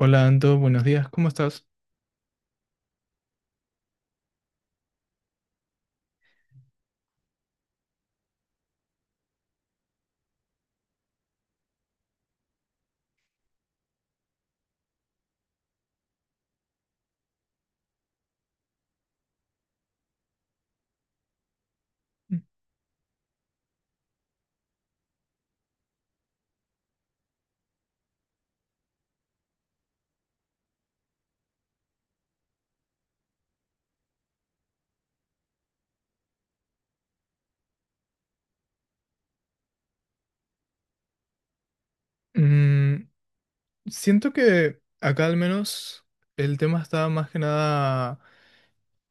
Hola Anto, buenos días, ¿cómo estás? Mm, siento que acá al menos el tema está más que nada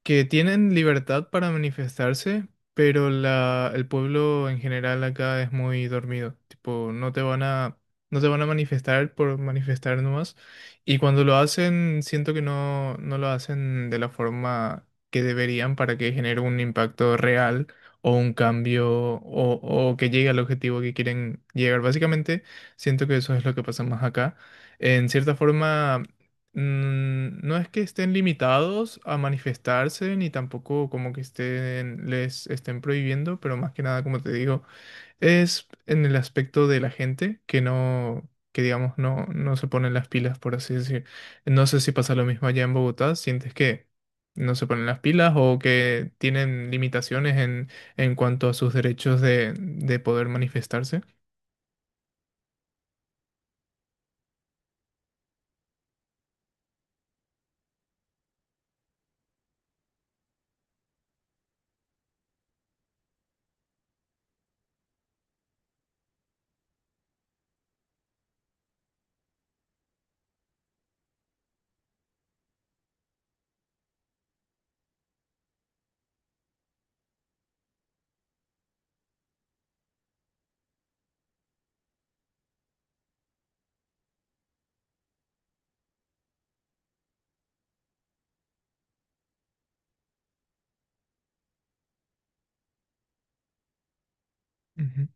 que tienen libertad para manifestarse, pero el pueblo en general acá es muy dormido. Tipo, no te van a manifestar por manifestar nomás. Y cuando lo hacen, siento que no lo hacen de la forma que deberían para que genere un impacto real o un cambio o que llegue al objetivo que quieren llegar. Básicamente, siento que eso es lo que pasa más acá. En cierta forma, mm, no es que estén limitados a manifestarse, ni tampoco como que estén, les estén prohibiendo, pero más que nada, como te digo, es en el aspecto de la gente que no, que digamos, no se ponen las pilas, por así decir. No sé si pasa lo mismo allá en Bogotá, ¿sientes que no se ponen las pilas o que tienen limitaciones en cuanto a sus derechos de poder manifestarse? Ujú.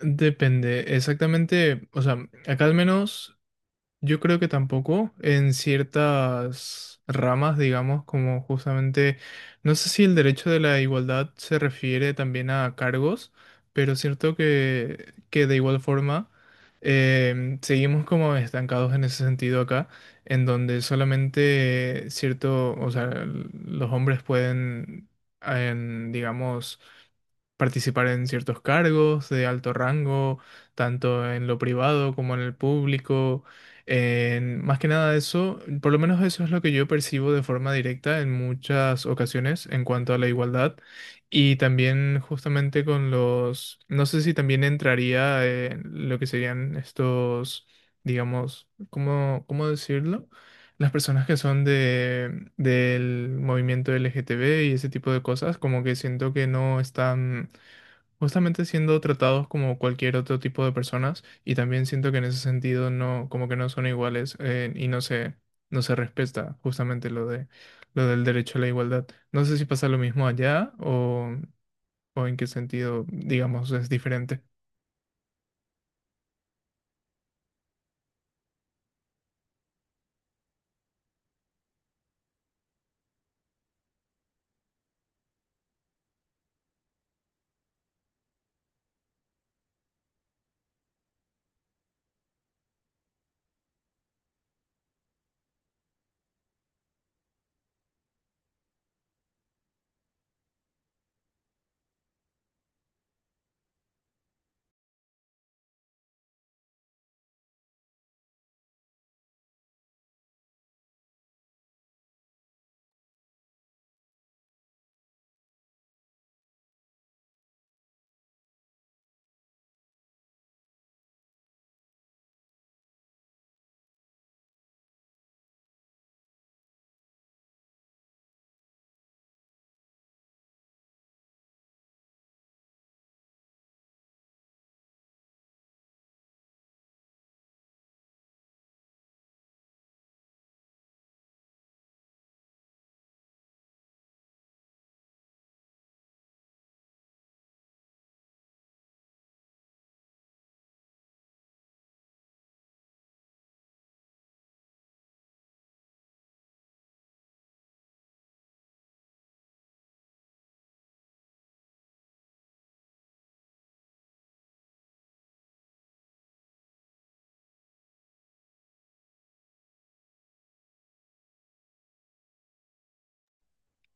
Depende, exactamente, o sea, acá al menos yo creo que tampoco en ciertas ramas, digamos, como justamente, no sé si el derecho de la igualdad se refiere también a cargos, pero es cierto que de igual forma seguimos como estancados en ese sentido acá, en donde solamente cierto, o sea, los hombres pueden, en, digamos, participar en ciertos cargos de alto rango, tanto en lo privado como en el público. En, más que nada eso, por lo menos eso es lo que yo percibo de forma directa en muchas ocasiones en cuanto a la igualdad. Y también justamente con los, no sé si también entraría en lo que serían estos, digamos, ¿cómo, cómo decirlo? Las personas que son del movimiento LGTB y ese tipo de cosas, como que siento que no están justamente siendo tratados como cualquier otro tipo de personas, y también siento que en ese sentido no, como que no son iguales, y no se, no se respeta justamente lo de, lo del derecho a la igualdad. No sé si pasa lo mismo allá o en qué sentido, digamos, es diferente.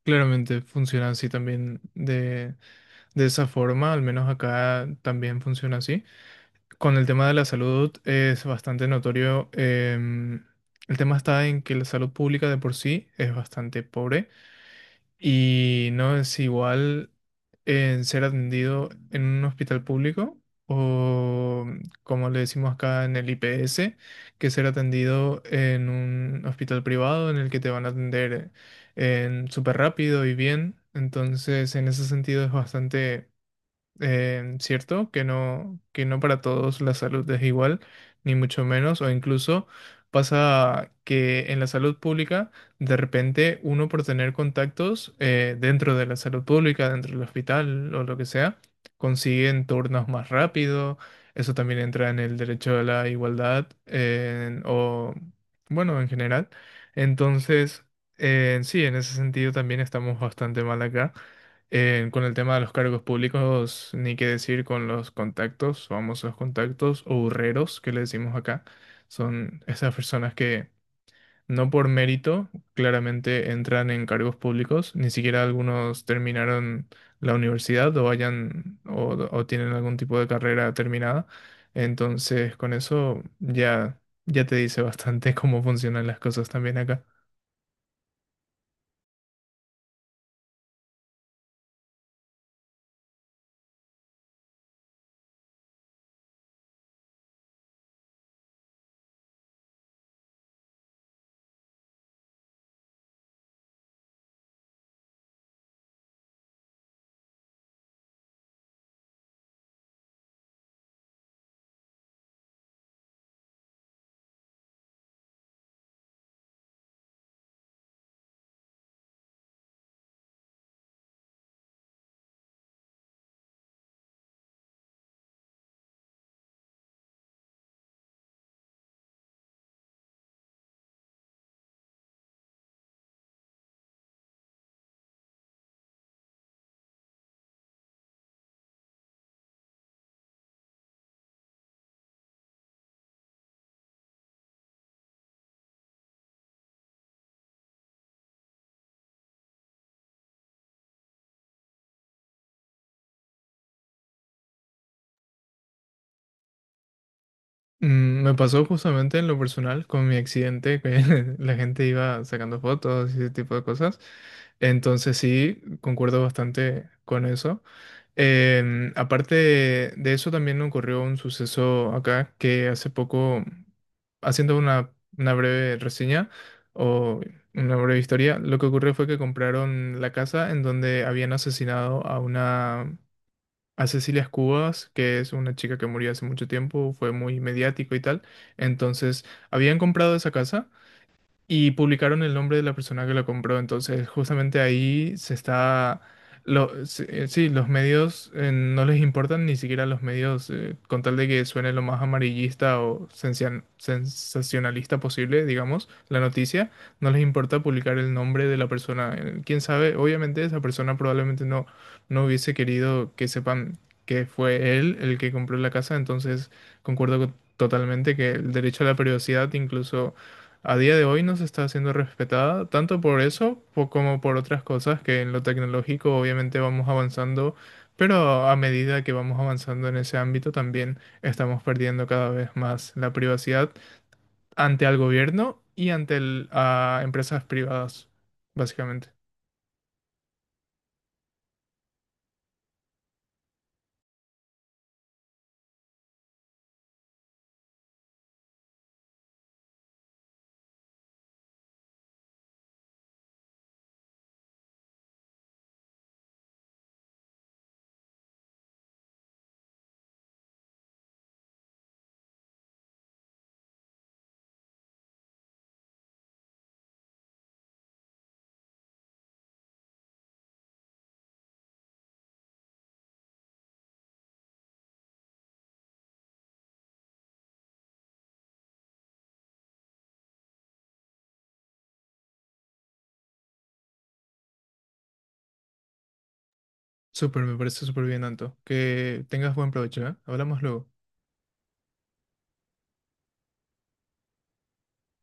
Claramente funciona así también de esa forma, al menos acá también funciona así. Con el tema de la salud es bastante notorio. El tema está en que la salud pública de por sí es bastante pobre, y no es igual en ser atendido en un hospital público o, como le decimos acá, en el IPS, que ser atendido en un hospital privado en el que te van a atender en súper rápido y bien. Entonces, en ese sentido es bastante ¿cierto? Que no para todos la salud es igual, ni mucho menos, o incluso pasa que en la salud pública, de repente uno por tener contactos dentro de la salud pública, dentro del hospital o lo que sea, consiguen turnos más rápido. Eso también entra en el derecho a la igualdad, o bueno, en general. Entonces, sí, en ese sentido también estamos bastante mal acá. Con el tema de los cargos públicos, ni qué decir con los contactos, famosos contactos o burreros que le decimos acá. Son esas personas que no por mérito claramente entran en cargos públicos, ni siquiera algunos terminaron la universidad o hayan o tienen algún tipo de carrera terminada. Entonces, con eso ya, ya te dice bastante cómo funcionan las cosas también acá. Mm, me pasó justamente en lo personal con mi accidente, que la gente iba sacando fotos y ese tipo de cosas. Entonces sí, concuerdo bastante con eso. Aparte de eso, también ocurrió un suceso acá que hace poco, haciendo una breve reseña o una breve historia, lo que ocurrió fue que compraron la casa en donde habían asesinado a una, a Cecilia Cubas, que es una chica que murió hace mucho tiempo, fue muy mediático y tal. Entonces, habían comprado esa casa y publicaron el nombre de la persona que lo compró. Entonces, justamente ahí se está. Sí, los medios no les importan ni siquiera los medios, con tal de que suene lo más amarillista o sensacionalista posible, digamos, la noticia, no les importa publicar el nombre de la persona. Quién sabe, obviamente esa persona probablemente no hubiese querido que sepan que fue él el que compró la casa. Entonces, totalmente que el derecho a la privacidad incluso a día de hoy no se está haciendo respetada, tanto por como por otras cosas, que en lo tecnológico obviamente vamos avanzando, pero a medida que vamos avanzando en ese ámbito también estamos perdiendo cada vez más la privacidad ante el gobierno y a empresas privadas, básicamente. Súper, me parece súper bien, Anto. Que tengas buen provecho, ¿eh? Hablamos luego.